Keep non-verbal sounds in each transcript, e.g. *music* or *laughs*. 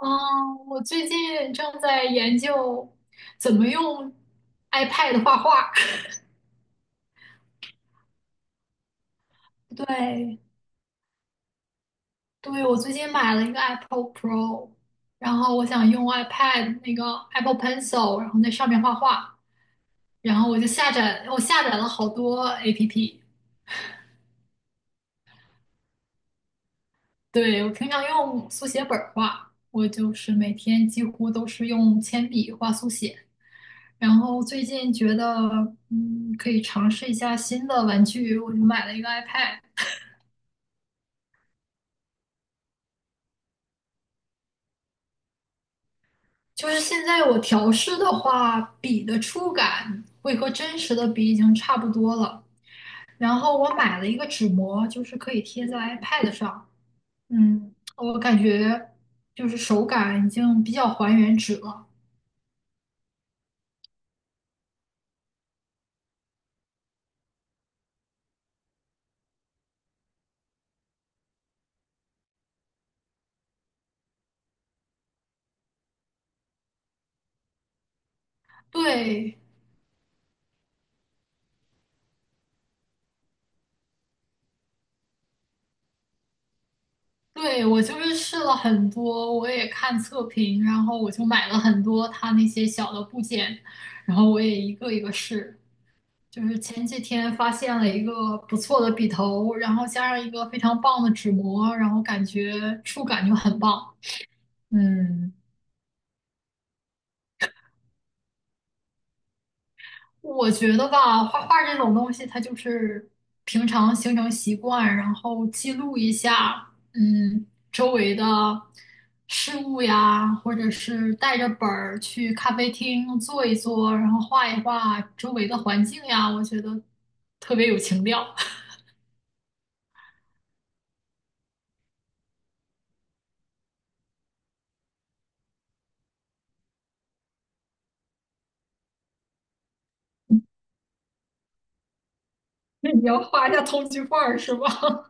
嗯，我最近正在研究怎么用 iPad 画画。*laughs* 对，对，我最近买了一个 Apple Pro,然后我想用 iPad 那个 Apple Pencil,然后在上面画画。然后我下载了好多 APP。对，我平常用速写本儿画，我就是每天几乎都是用铅笔画速写。然后最近觉得，可以尝试一下新的玩具，我就买了一个 iPad。就是现在我调试的话，笔的触感会和真实的笔已经差不多了。然后我买了一个纸膜，就是可以贴在 iPad 上。我感觉就是手感已经比较还原纸了。对，对，我就是试了很多，我也看测评，然后我就买了很多它那些小的部件，然后我也一个一个试。就是前几天发现了一个不错的笔头，然后加上一个非常棒的纸膜，然后感觉触感就很棒。嗯，我觉得吧，画画这种东西，它就是平常形成习惯，然后记录一下，周围的事物呀，或者是带着本儿去咖啡厅坐一坐，然后画一画周围的环境呀，我觉得特别有情调。*laughs* 那你要画一下通缉犯儿是吧？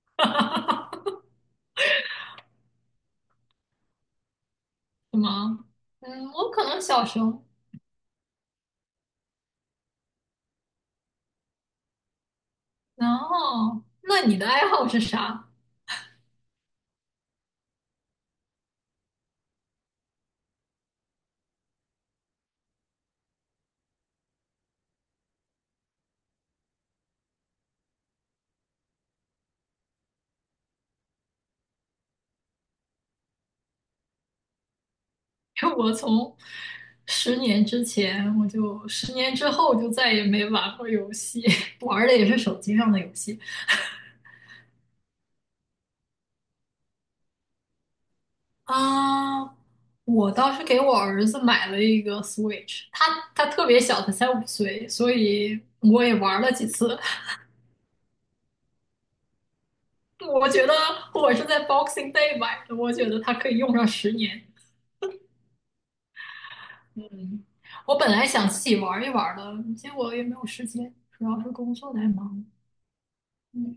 *laughs* 哈哈哈！什么？我可能小熊。然后，那你的爱好是啥？*laughs* 我从10年之前，我就10年之后就再也没玩过游戏，*laughs* 玩的也是手机上的游戏啊。我倒是给我儿子买了一个 Switch,他特别小，他才5岁，所以我也玩了几次。*laughs* 我觉得我是在 Boxing Day 买的，我觉得它可以用上十年。嗯，我本来想自己玩一玩的，结果也没有时间，主要是工作太忙了。嗯，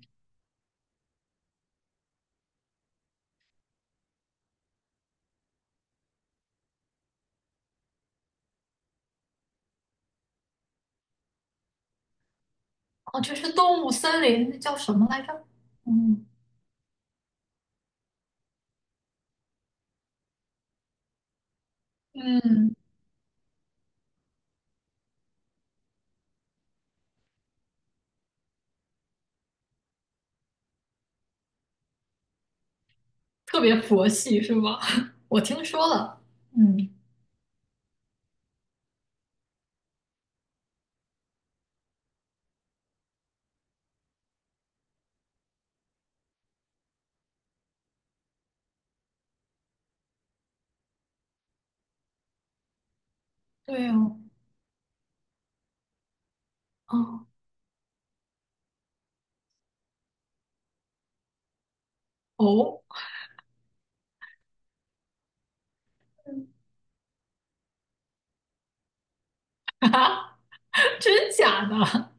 哦，这是动物森林，那叫什么来着？嗯嗯，特别佛系是吧？*laughs* 我听说了。嗯，对哦，哦哦，*laughs* 啊真假的？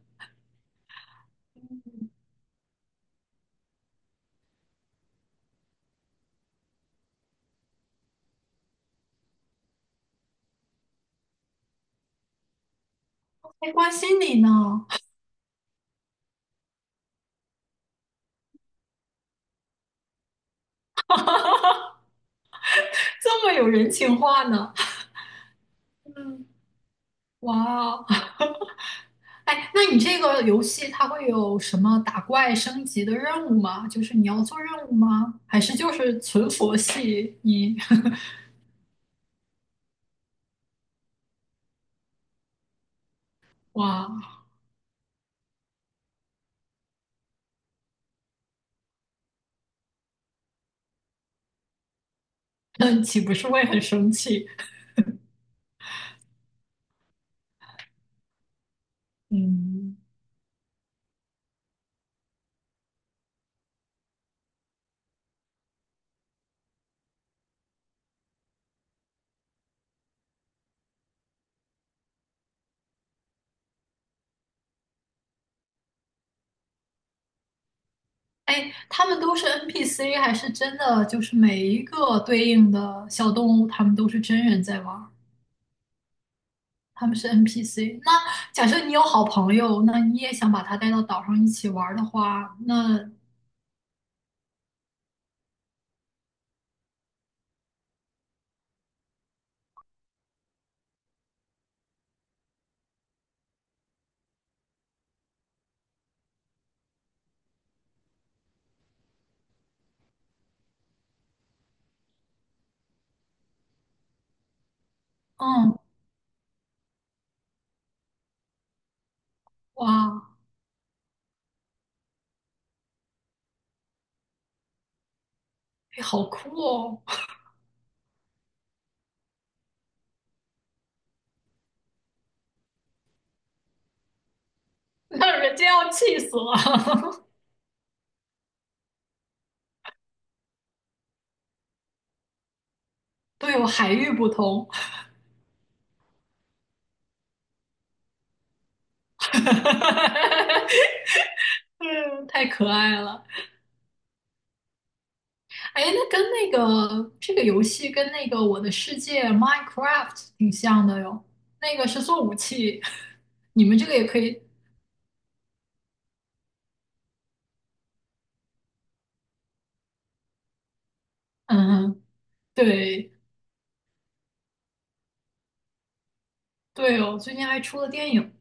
还关心你呢，*laughs* 这么有人情话呢？哇哦，哎，那你这个游戏它会有什么打怪升级的任务吗？就是你要做任务吗？还是就是存佛系？你 *laughs* 哇，那岂不是会很生气？嗯，哎，他们都是 NPC 还是真的？就是每一个对应的小动物，他们都是真人在玩儿，他们是 NPC。那假设你有好朋友，那你也想把他带到岛上一起玩儿的话，那嗯，哇，哎好酷哦！*laughs* 那人家要气死了。都有海域不同，*laughs* 嗯，太可爱了。哎，那跟那个这个游戏跟那个《我的世界》Minecraft 挺像的哟。那个是做武器，*laughs* 你们这个也可以。嗯，对对哦，最近还出了电影。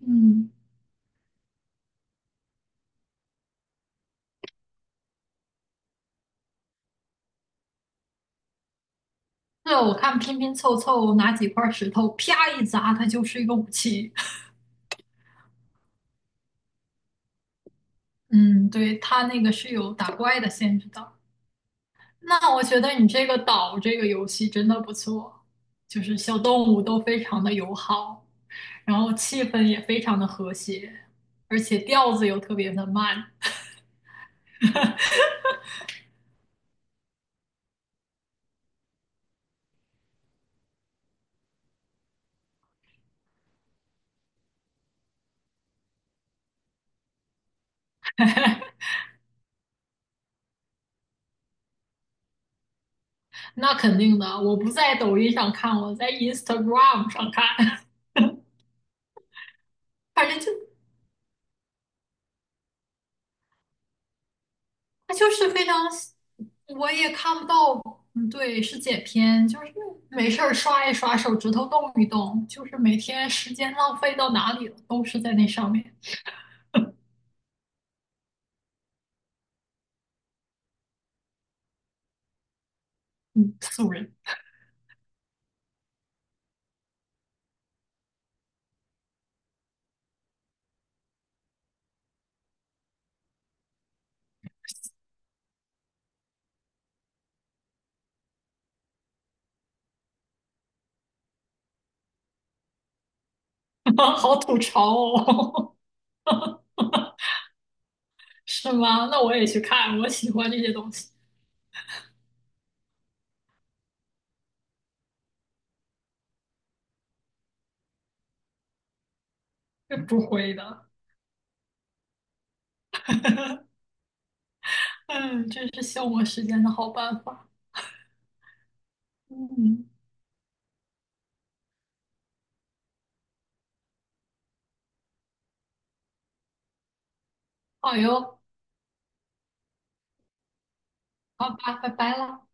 嗯，对哦，我看拼拼凑凑拿几块石头啪一砸，它就是一个武器。*laughs* 嗯，对，它那个是有打怪的限制的。那我觉得你这个岛这个游戏真的不错，就是小动物都非常的友好，然后气氛也非常的和谐，而且调子又特别的慢。那肯定的，我不在抖音上看，我在 Instagram 上看，*laughs* 反正就它就是非常，我也看不到，嗯，对，是剪片，就是没事儿刷一刷，手指头动一动，就是每天时间浪费到哪里了，都是在那上面，人。*laughs* 好吐槽哦，*laughs* 是吗？那我也去看，我喜欢这些东西，是不会的。嗯，真是消磨时间的好办法。嗯，好哟，好吧，拜拜啦。